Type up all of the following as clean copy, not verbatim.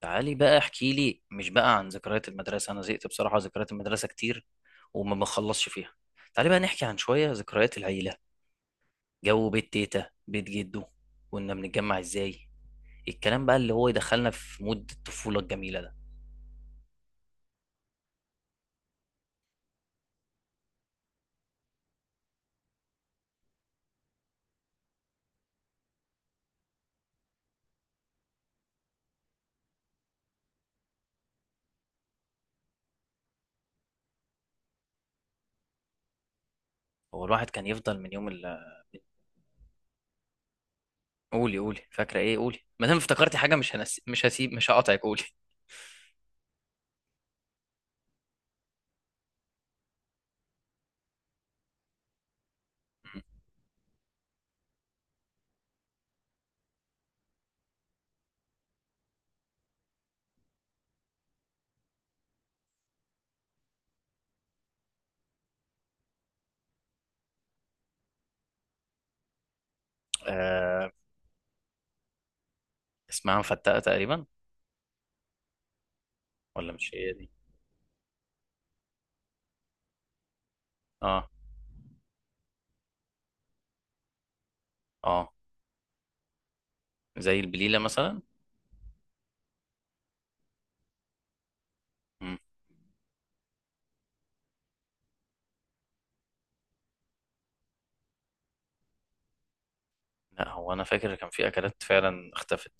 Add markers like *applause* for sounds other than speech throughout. تعالي بقى احكي لي، مش بقى، عن ذكريات المدرسة. أنا زهقت بصراحة، ذكريات المدرسة كتير وما بخلصش فيها. تعالي بقى نحكي عن شوية ذكريات العيلة، جو بيت تيتا، بيت جدو. كنا بنتجمع ازاي؟ الكلام بقى اللي هو يدخلنا في مود الطفولة الجميلة ده. هو الواحد كان يفضل من يوم قولي، قولي، فاكرة ايه؟ قولي، ما دام افتكرتي حاجة مش هسيب، مش هقاطعك، قولي. *laughs* آه... اسمها مفتقة تقريبا. ولا مش هي دي؟ اه. اه، زي البليلة مثلا. لا هو انا فاكر كان في اكلات فعلا اختفت.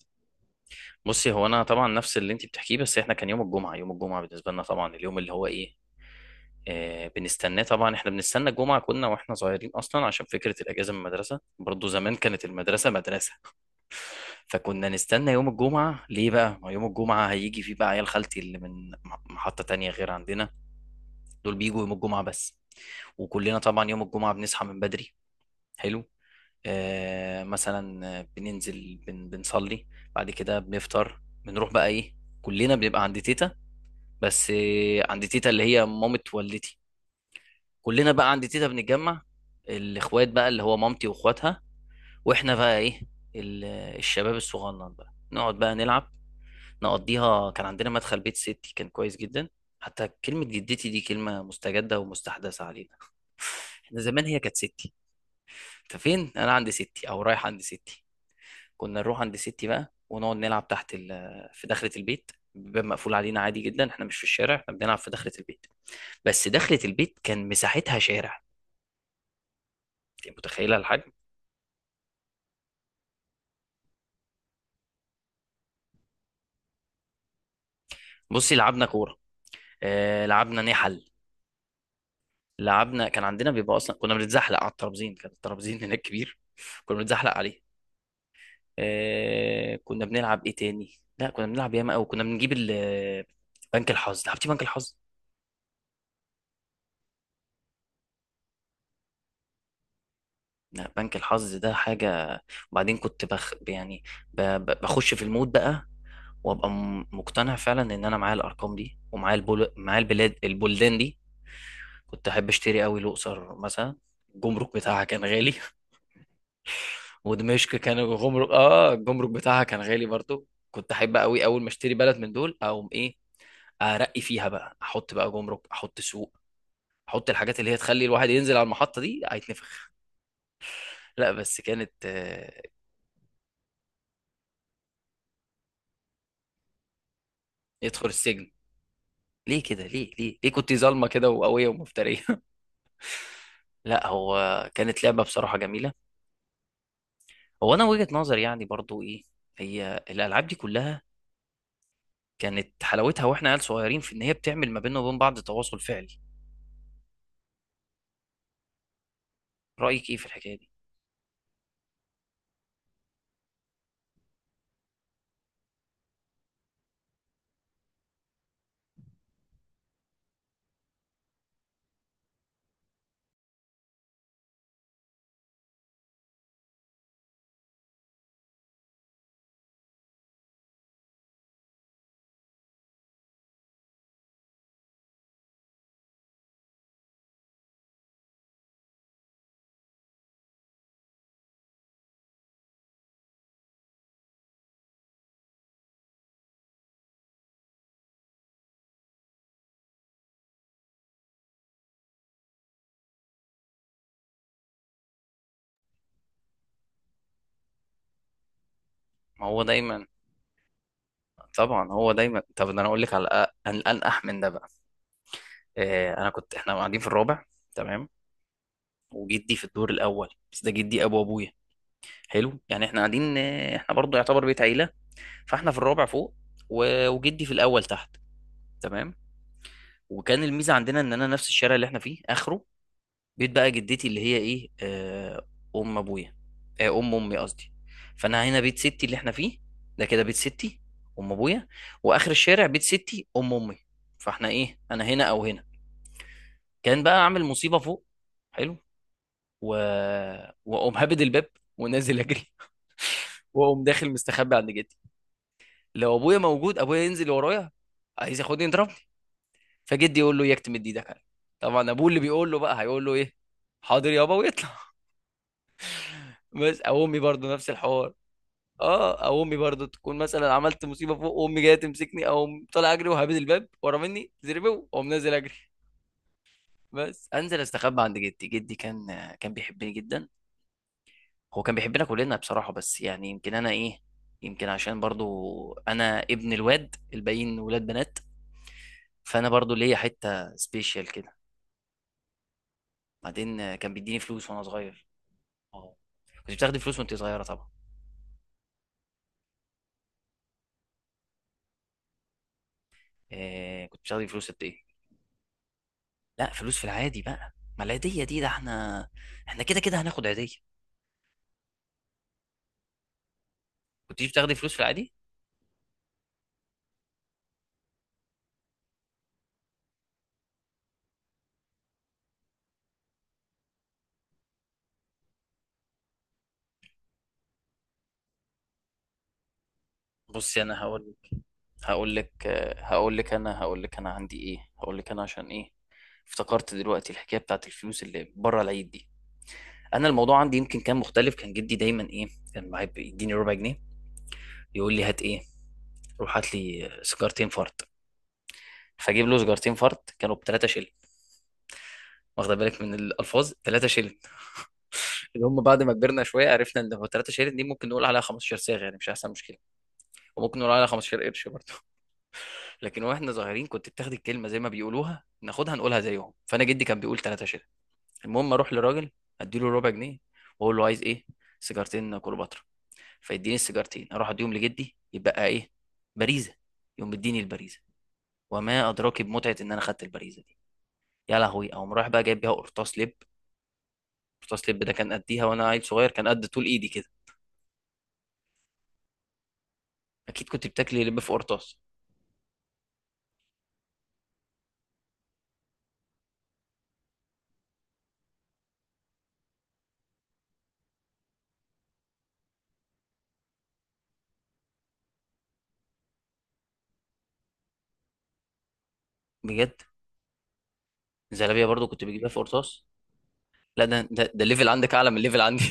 بصي، هو انا طبعا نفس اللي انت بتحكيه، بس احنا كان يوم الجمعه. يوم الجمعه بالنسبه لنا طبعا اليوم اللي هو ايه؟ آه بنستناه طبعا. احنا بنستنى الجمعه كنا واحنا صغيرين اصلا عشان فكره الاجازه من المدرسه، برضو زمان كانت المدرسه مدرسه. *laughs* فكنا نستنى يوم الجمعه. ليه بقى؟ ما يوم الجمعه هيجي فيه بقى عيال خالتي اللي من محطه تانية غير عندنا. دول بيجوا يوم الجمعه بس. وكلنا طبعا يوم الجمعه بنصحى من بدري. حلو. مثلا بننزل بنصلي. بعد كده بنفطر، بنروح بقى ايه، كلنا بنبقى عند تيتا. بس عند تيتا اللي هي مامة والدتي. كلنا بقى عند تيتا بنتجمع. الاخوات بقى اللي هو مامتي واخواتها، واحنا بقى ايه، ال- الشباب الصغنن بقى نقعد بقى نلعب نقضيها. كان عندنا مدخل بيت ستي كان كويس جدا. حتى كلمة جدتي دي كلمة مستجدة ومستحدثة علينا، احنا زمان هي كانت ستي. انت فين؟ انا عند ستي، او رايح عند ستي. كنا نروح عند ستي بقى ونقعد نلعب تحت في دخلة البيت، باب مقفول علينا، عادي جدا احنا مش في الشارع، احنا بنلعب في دخلة البيت. بس دخلة البيت كان مساحتها شارع، انت متخيلة الحجم؟ بصي، لعبنا كورة، آه لعبنا نحل، لعبنا، كان عندنا بيبقى اصلا كنا بنتزحلق على الترابزين، كان الترابزين هناك كبير. *laughs* كنا بنتزحلق عليه. آه كنا بنلعب ايه تاني؟ لا كنا بنلعب ياما قوي. كنا بنجيب بنك الحظ. لعبتي بنك الحظ؟ لا بنك الحظ ده حاجة. وبعدين كنت بخ يعني، بخش في المود بقى. وابقى مقتنع فعلا ان انا معايا الارقام دي ومعايا البلاد البلدان دي. كنت احب اشتري قوي الاقصر مثلا. الجمرك بتاعها كان غالي. *laughs* ودمشق كان الجمرك، اه الجمرك بتاعها كان غالي برضو. كنت احب قوي اول ما اشتري بلد من دول اقوم ايه، ارقي فيها بقى، احط بقى جمرك، احط سوق، احط الحاجات اللي هي تخلي الواحد ينزل على المحطة دي هيتنفخ. لا بس كانت يدخل السجن. ليه كده؟ ليه ليه ليه كنت ظالمه كده وقويه ومفتريه؟ *laughs* لا هو كانت لعبه بصراحه جميله. هو انا وجهه نظري يعني برضو ايه، هي الالعاب دي كلها كانت حلاوتها واحنا عيال صغيرين في ان هي بتعمل ما بيننا وبين بعض تواصل فعلي. رايك ايه في الحكايه دي؟ ما هو دايما. طبعا هو دايما، طب ده انا اقول لك على الانقح من ده بقى. آه انا كنت، احنا قاعدين في الرابع، تمام، وجدي في الدور الاول، بس ده جدي ابو ابويا. حلو، يعني احنا قاعدين، احنا برضو يعتبر بيت عيله. فاحنا في الرابع فوق، وجدي في الاول تحت، تمام. وكان الميزه عندنا ان انا نفس الشارع اللي احنا فيه اخره بيت بقى جدتي اللي هي ايه، آه ام ابويا، آه ام امي قصدي. فانا هنا بيت ستي اللي احنا فيه، ده كده بيت ستي ام ابويا، واخر الشارع بيت ستي ام امي. فاحنا ايه، انا هنا او هنا كان بقى عامل مصيبه فوق. حلو. و... واقوم هابد الباب ونازل اجري. *laughs* واقوم داخل مستخبي عند جدي. لو ابويا موجود ابويا ينزل ورايا عايز ياخدني يضربني. فجدي يقول له يكتم ايدك عليه. طبعا ابوه اللي بيقول له بقى هيقول له ايه، حاضر يابا، ويطلع. *laughs* بس او امي برضه نفس الحوار. اه، او امي برضه تكون مثلا عملت مصيبه فوق وامي جايه تمسكني، او طالع اجري وهابد الباب ورا مني زربو، واقوم نازل اجري. بس انزل استخبى عند جدي، جدي كان بيحبني جدا. هو كان بيحبنا كلنا بصراحه، بس يعني يمكن انا ايه، يمكن عشان برضه انا ابن الواد، الباقيين ولاد بنات، فانا برضه ليا حته سبيشال كده. بعدين كان بيديني فلوس وانا صغير. اه. كنت بتاخدي فلوس وانت صغيره طبعا؟ إيه، كنت بتاخدي فلوس قد ايه؟ لا فلوس في العادي بقى، ما العيديه دي ده احنا كده كده هناخد عيديه. كنتيش بتاخدي فلوس في العادي؟ بصي، انا هقول، هقول لك هقول لك انا عندي ايه، هقول لك انا عشان ايه. افتكرت دلوقتي الحكايه بتاعت الفلوس اللي بره العيد دي، انا الموضوع عندي يمكن كان مختلف. كان جدي دايما ايه، كان معايا بيديني ربع جنيه، يقول لي هات ايه، روح هات لي سيجارتين فرد. فاجيب له سيجارتين فرد، كانوا ب 3 شيل. واخده بالك من الالفاظ، 3 شيل اللي هم بعد ما كبرنا شويه عرفنا ان هو 3 شهادات، دي ممكن نقول عليها 15 صاغه يعني مش هيحصل مشكله، وممكن نقول عليها 15 قرش برضه. *laughs* لكن واحنا صغيرين كنت بتاخد الكلمه زي ما بيقولوها، ناخدها نقولها زيهم. فانا جدي كان بيقول 3 شهادات. المهم اروح لراجل، اديله ربع جنيه، واقول له عايز ايه، سيجارتين كليوباترا. فيديني السيجارتين اروح اديهم لجدي، يبقى ايه، باريزه. يقوم مديني الباريزه، وما ادراك بمتعه ان انا خدت الباريزه دي. يا لهوي، اقوم رايح بقى جايب بيها قرطاس لب. قرطاس لب ده كان قديها وانا عيل صغير كان قد طول ايدي كده. اكيد كنت بتاكلي لب في قرطاس؟ بجد؟ زلابية برضو كنت بجيبها في قرطاس. لا ده الليفل عندك اعلى من الليفل عندي.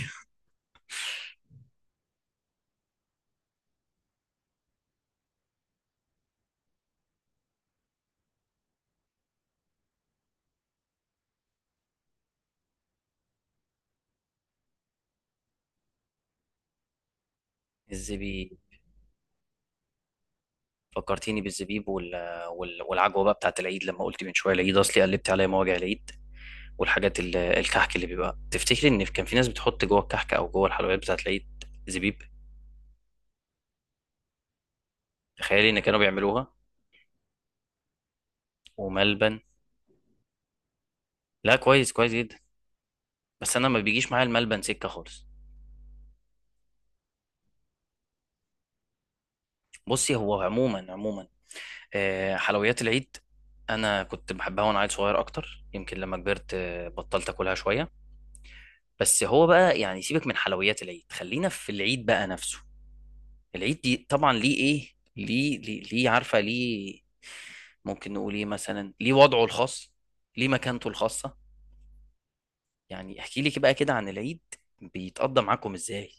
*laughs* الزبيب، فكرتيني بالزبيب والعجوه بقى بتاعت العيد. لما قلت من شويه العيد اصلي قلبت عليا مواجع العيد والحاجات الكحك اللي بيبقى، تفتكري ان كان في ناس بتحط جوه الكحك او جوه الحلويات بتاعت العيد زبيب؟ تخيلي ان كانوا بيعملوها، وملبن. لا كويس، كويس جدا، بس انا ما بيجيش معايا الملبن سكه خالص. بصي هو عموما عموما حلويات العيد انا كنت بحبها وانا عيل صغير اكتر. يمكن لما كبرت بطلت اكلها شويه. بس هو بقى يعني سيبك من حلويات العيد، خلينا في العيد بقى نفسه. العيد دي طبعا ليه ايه، ليه عارفه ليه، ممكن نقول ايه مثلا، ليه وضعه الخاص، ليه مكانته الخاصه. يعني احكي لي بقى كده عن العيد، بيتقضى معاكم ازاي؟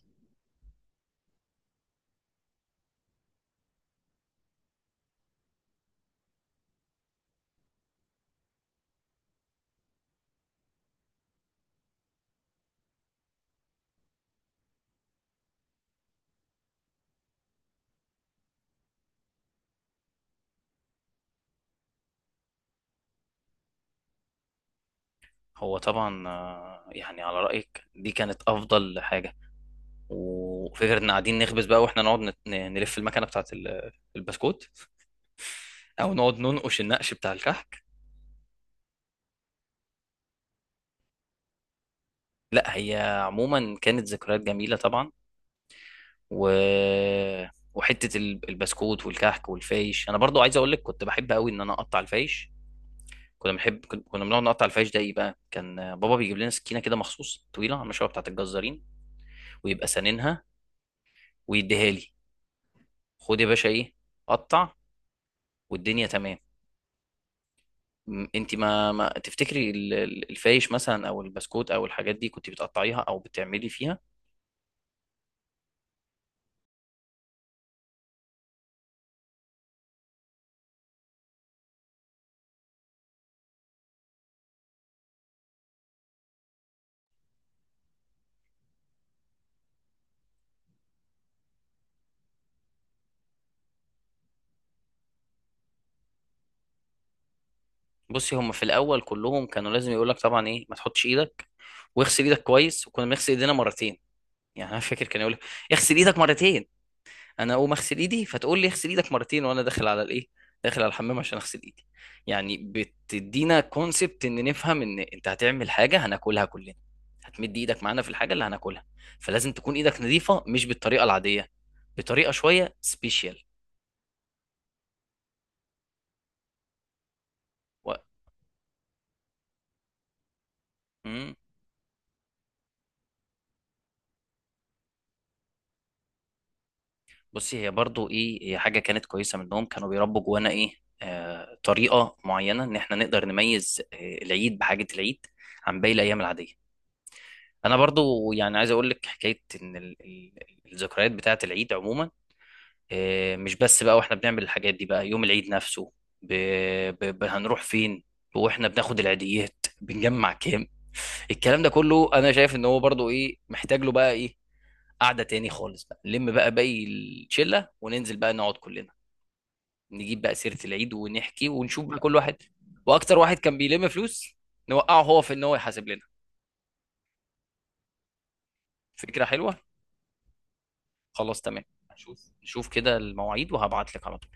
هو طبعا يعني على رايك دي كانت افضل حاجه. وفكره ان قاعدين نخبز بقى، واحنا نقعد نلف المكنه بتاعت البسكوت، او نقعد ننقش النقش بتاع الكحك. لا هي عموما كانت ذكريات جميله طبعا. و... وحته البسكوت والكحك والفيش، انا برضو عايز اقول لك كنت بحب قوي ان انا اقطع الفيش. كنا بنحب، كنا بنقعد نقطع الفيش ده ايه بقى، كان بابا بيجيب لنا سكينه كده مخصوص طويله على المشوه بتاعت الجزارين، ويبقى سننها ويديها لي، خد يا باشا ايه، قطع، والدنيا تمام. انت ما تفتكري الفايش مثلا او البسكوت او الحاجات دي كنت بتقطعيها او بتعملي فيها؟ بصي هم في الاول كلهم كانوا لازم يقول لك طبعا ايه، ما تحطش ايدك واغسل ايدك كويس. وكنا بنغسل ايدينا مرتين. يعني انا فاكر كان يقول لي اغسل ايدك مرتين. انا اقوم اغسل ايدي فتقول لي اغسل ايدك مرتين وانا داخل على الايه، داخل على الحمام عشان اغسل ايدي. يعني بتدينا كونسبت ان نفهم ان انت هتعمل حاجه هناكلها كلنا، هتمد ايدك معانا في الحاجه اللي هناكلها، فلازم تكون ايدك نظيفه مش بالطريقه العاديه، بطريقه شويه سبيشال. و... مم. بصي هي برضو ايه، هي حاجه كانت كويسه منهم، كانوا بيربوا جوانا ايه، طريقه معينه ان احنا نقدر نميز العيد بحاجه، العيد عن باقي الايام العاديه. انا برضو يعني عايز اقول لك حكايه ان الذكريات بتاعه العيد عموما مش بس بقى واحنا بنعمل الحاجات دي، بقى يوم العيد نفسه ب... هنروح فين، واحنا بناخد العيديات بنجمع كام. الكلام ده كله انا شايف ان هو برضو ايه، محتاج له بقى ايه، قعده تاني خالص بقى، نلم بقى باقي الشله وننزل بقى نقعد كلنا، نجيب بقى سيره العيد ونحكي ونشوف بقى كل واحد، واكتر واحد كان بيلم فلوس نوقعه هو في ان هو يحاسب لنا. فكره حلوه. خلاص، تمام. هنشوف، نشوف كده المواعيد وهبعت لك على طول.